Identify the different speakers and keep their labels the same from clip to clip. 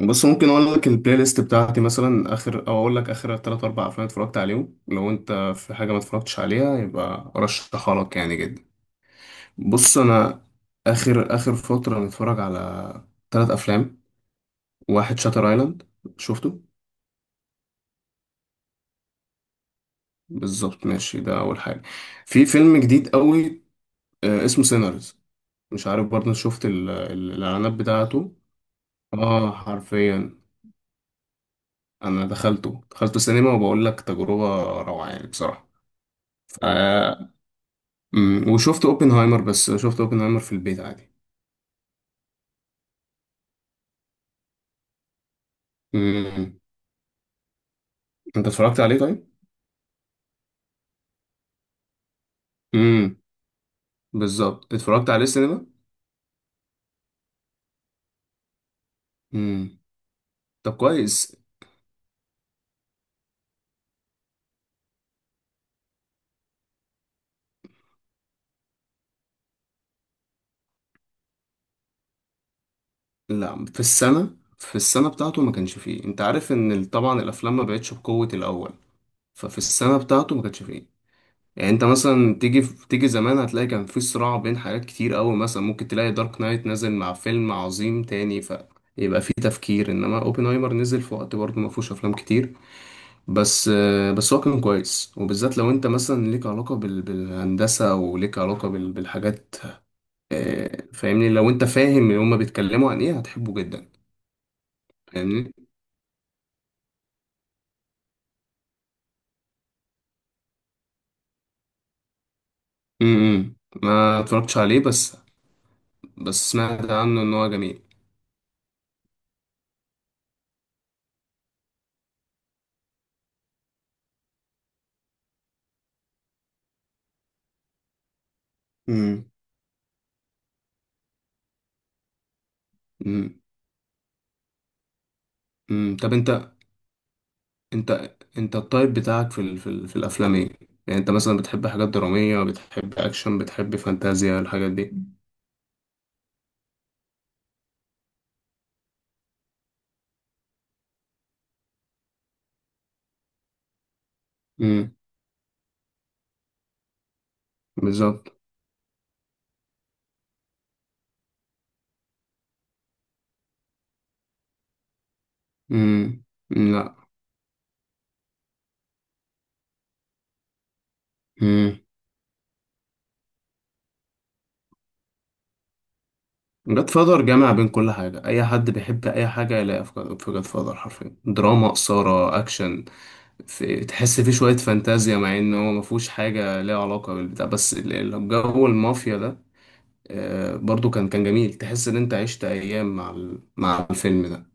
Speaker 1: بص ممكن اقول لك البلاي ليست بتاعتي مثلا اخر او اقول لك اخر تلات اربع افلام اتفرجت عليهم لو انت في حاجه ما اتفرجتش عليها يبقى ارشحها لك يعني جدا. بص انا اخر اخر فتره متفرج على تلات افلام. واحد شاتر ايلاند شفته. بالظبط ماشي ده اول حاجه. في فيلم جديد قوي اسمه سينرز. مش عارف برضه شفت الاعلانات بتاعته. اه حرفيا انا دخلته سينما وبقول لك تجربه روعه يعني بصراحه. آه، وشفت اوبنهايمر، بس شفت اوبنهايمر في البيت عادي. امم. انت اتفرجت عليه طيب؟ امم. بالظبط اتفرجت عليه سينما. امم. طب كويس. لا، في السنه بتاعته ما كانش فيه. انت عارف ان طبعا الافلام ما بقتش بقوه الاول. ففي السنه بتاعته ما كانش فيه. يعني انت مثلا تيجي زمان هتلاقي كان في صراع بين حاجات كتير قوي، مثلا ممكن تلاقي دارك نايت نازل مع فيلم عظيم تاني، فيبقى في تفكير. انما اوبنهايمر نزل في وقت برضه ما فيهوش افلام كتير. بس بس هو كان كويس، وبالذات لو انت مثلا ليك علاقة بالهندسة وليك علاقة بالحاجات، فاهمني. لو انت فاهم اللي هما بيتكلموا عن ايه هتحبه جدا. فاهمني. امم. ما اتفرجتش عليه، بس بس سمعت عنه ان هو جميل. امم. امم. أمم. طب انت، انت انت التايب بتاعك في الافلام ايه؟ يعني انت مثلا بتحب حاجات درامية، بتحب اكشن، بتحب فانتازيا، الحاجات دي؟ امم. بالظبط. امم. لا. جاد فاذر جامع بين كل حاجة، أي حد بيحب أي حاجة يلاقيها في جاد فاذر. حرفيا دراما، إثارة، أكشن. في تحس فيه شوية فانتازيا مع إن هو مفهوش حاجة ليها علاقة بالبتاع، بس جو المافيا ده، برضو كان جميل. تحس إن أنت عشت أيام مع مع الفيلم ده.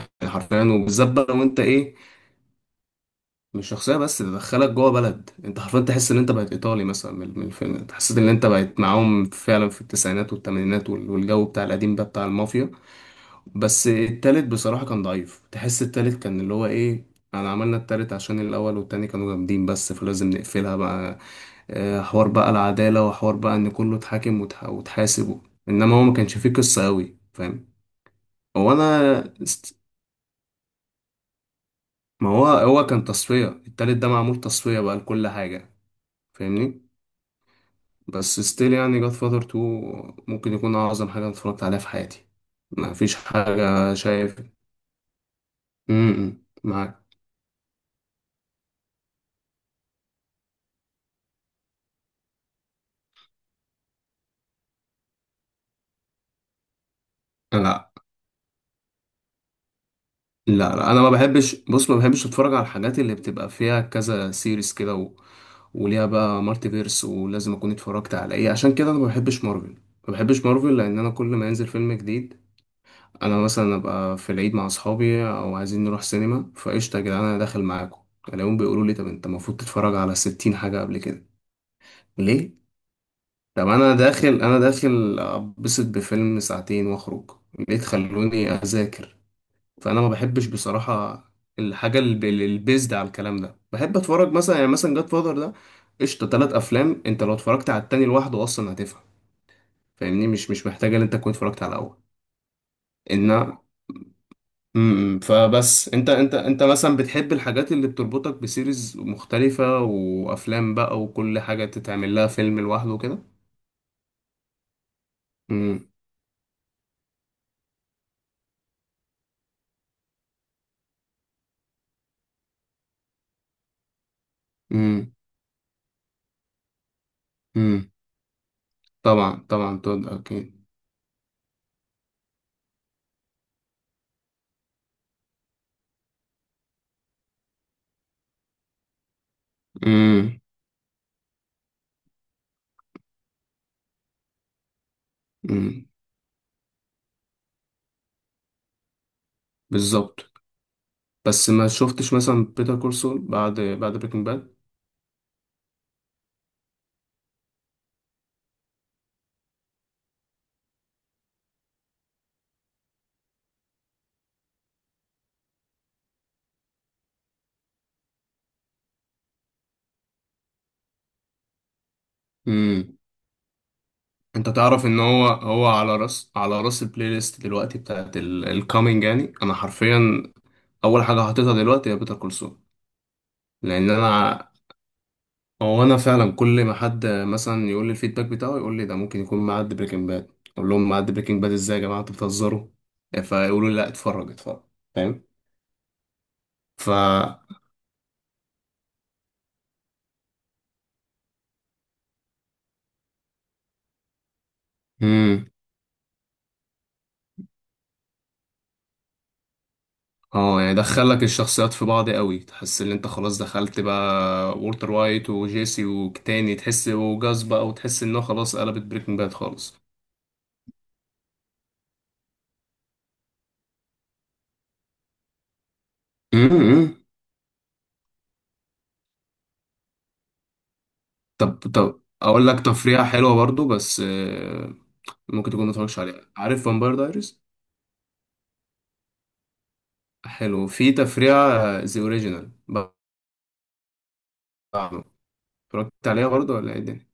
Speaker 1: يعني حرفيا، وبالذات بقى لو أنت إيه، مش شخصية بس، ده دخلك جوه بلد. أنت حرفيا تحس إن أنت بقيت إيطالي مثلا. من الفيلم ده حسيت إن أنت بقيت معاهم فعلا في التسعينات والثمانينات، والجو بتاع القديم ده بتاع المافيا. بس التالت بصراحة كان ضعيف، تحس التالت كان اللي هو ايه، انا عملنا التالت عشان الاول والتاني كانوا جامدين، بس فلازم نقفلها بقى. حوار بقى العدالة، وحوار بقى ان كله اتحاكم وتحاسب و-، انما هو ما كانش فيه قصة قوي، فاهم. هو انا است... ما هو هو كان تصفية، التالت ده معمول تصفية بقى لكل حاجة. فاهمني. بس ستيل، يعني جاد فاذر 2 ممكن يكون اعظم حاجة أنا اتفرجت عليها في حياتي. ما فيش حاجة شايف. م- م، معاك. لا. لا، لا انا ما بحبش. بص، ما بحبش اتفرج على الحاجات اللي بتبقى فيها كذا سيريز كده، و... وليها بقى مالتي فيرس، ولازم اكون اتفرجت على ايه. عشان كده انا ما بحبش مارفل. ما بحبش مارفل لان انا كل ما ينزل فيلم جديد، انا مثلا ابقى في العيد مع اصحابي او عايزين نروح سينما، فقشطه يا جدعان انا داخل معاكم، الاقيهم بيقولوا لي طب انت المفروض تتفرج على 60 حاجه قبل كده. ليه؟ طب انا داخل، انا داخل ابسط بفيلم ساعتين واخرج، ليه تخلوني اذاكر؟ فانا ما بحبش بصراحه الحاجه البيزد على الكلام ده. بحب اتفرج مثلا، يعني مثلا جاد فاذر ده قشطه تلات افلام. انت لو اتفرجت على التاني لوحده اصلا هتفهم، فاهمني، مش مش محتاجه ان انت تكون اتفرجت على الاول. ان، امم، فبس انت، انت مثلا بتحب الحاجات اللي بتربطك بسيريز مختلفه وافلام بقى، وكل حاجه تتعمل لها فيلم لوحده كده؟ امم. امم. امم. طبعا طبعا، تود اكيد. امم. امم. بالظبط. بس ما شفتش مثلا بيتر كورسول بعد بريكنج باد. امم. انت تعرف ان هو هو على راس، على راس البلاي ليست دلوقتي بتاعت الكامينج، يعني انا حرفيا اول حاجه حاططها دلوقتي هي بيتر كورسول. لان انا، هو انا فعلا كل ما حد مثلا يقول لي الفيدباك بتاعه يقول لي ده ممكن يكون معدي بريكنج باد، اقول لهم معدي بريكنج باد ازاي يا جماعه انتوا بتهزروا، فيقولوا لي لا اتفرج اتفرج. فاهم. ف، امم. اه، يعني دخلك الشخصيات في بعض قوي، تحس ان انت خلاص دخلت بقى. وولتر وايت وجيسي، وتاني تحس وجاز بقى، وتحس انه خلاص قلبت بريكنج باد خالص. امم. طب، اقول لك تفريحة حلوة برضو، بس ممكن تكون ما اتفرجتش عليها. عارف فامباير دايريز؟ حلو، في تفريعة ذا اوريجينال. اتفرجت عليها برضو ولا ايه الدنيا؟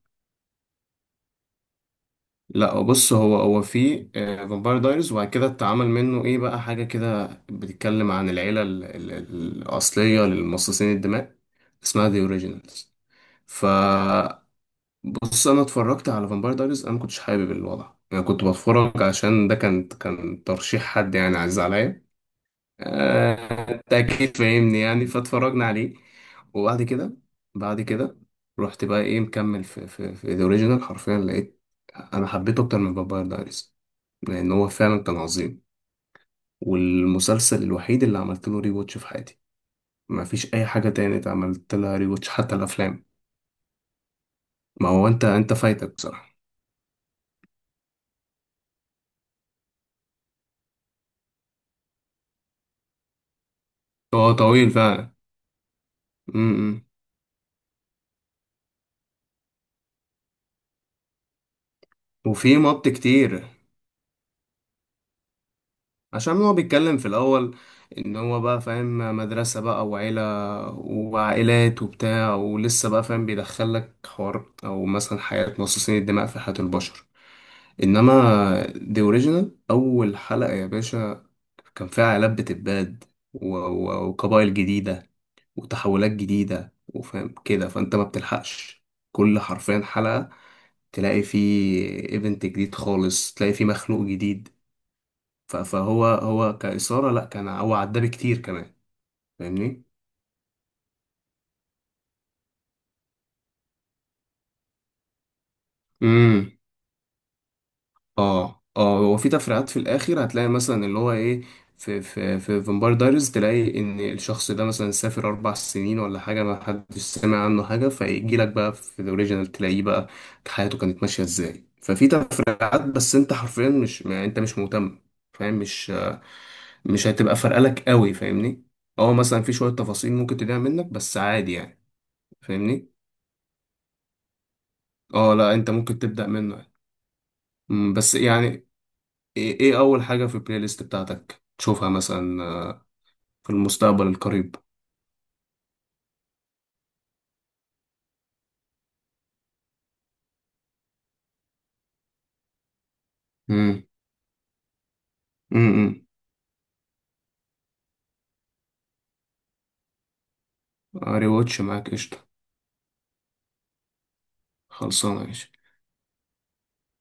Speaker 1: لا بص، هو في فامباير دايرز، وبعد كده اتعمل منه ايه بقى، حاجة كده بتتكلم عن العيلة الأصلية للمصاصين الدماء، اسمها ذا اوريجينالز. فبص انا اتفرجت على فامباير دايرز، انا ما كنتش حابب الوضع، انا كنت بتفرج عشان ده كان ترشيح حد يعني عزيز عليا، انت اكيد فاهمني يعني، فاتفرجنا عليه. وبعد كده، بعد كده رحت بقى ايه، مكمل في ذا اوريجينال، حرفيا لقيت انا حبيته اكتر من فامباير دايريز، لان هو فعلا كان عظيم. والمسلسل الوحيد اللي عملت له ري واتش في حياتي. ما فيش اي حاجه تانية عملت لها ري واتش، حتى الافلام. ما هو انت، انت فايتك بصراحه. هو طويل فعلا. امم. وفي مط كتير. عشان هو بيتكلم في الاول ان هو بقى فاهم مدرسه بقى وعيله، وعائلات وبتاع، ولسه بقى فاهم بيدخلك حوار او مثلا حياه مصاصين الدماء في حياه البشر. انما دي اوريجينال، اول حلقه يا باشا كان فيها عائلات بتتباد، وقبائل جديدة، وتحولات جديدة، وفاهم كده، فأنت ما بتلحقش. كل حرفيا حلقة تلاقي فيه ايفنت جديد خالص، تلاقي فيه مخلوق جديد. فهو هو كإثارة، لأ كان هو عدى بكتير كمان. فاهمني؟ اه، اه هو في تفريعات في الاخر، هتلاقي مثلا اللي هو ايه، في فامباير دايريز تلاقي ان الشخص ده مثلا سافر 4 سنين ولا حاجه، ما حدش سمع عنه حاجه، فيجي لك بقى في الاوريجينال تلاقيه بقى حياته كانت ماشيه ازاي. ففي تفريعات، بس انت حرفيا مش، ما انت مش مهتم، فاهم. مش، مش هتبقى فارقه لك قوي، فاهمني. اه، مثلا في شويه تفاصيل ممكن تضيع منك بس عادي يعني. فاهمني. اه لا، انت ممكن تبدا منه يعني. أمم، بس يعني ايه، اول حاجة في البلاي ليست بتاعتك تشوفها مثلا في المستقبل القريب؟ امم. امم. ريواتش معاك، قشطة. خلصانة يا باشا.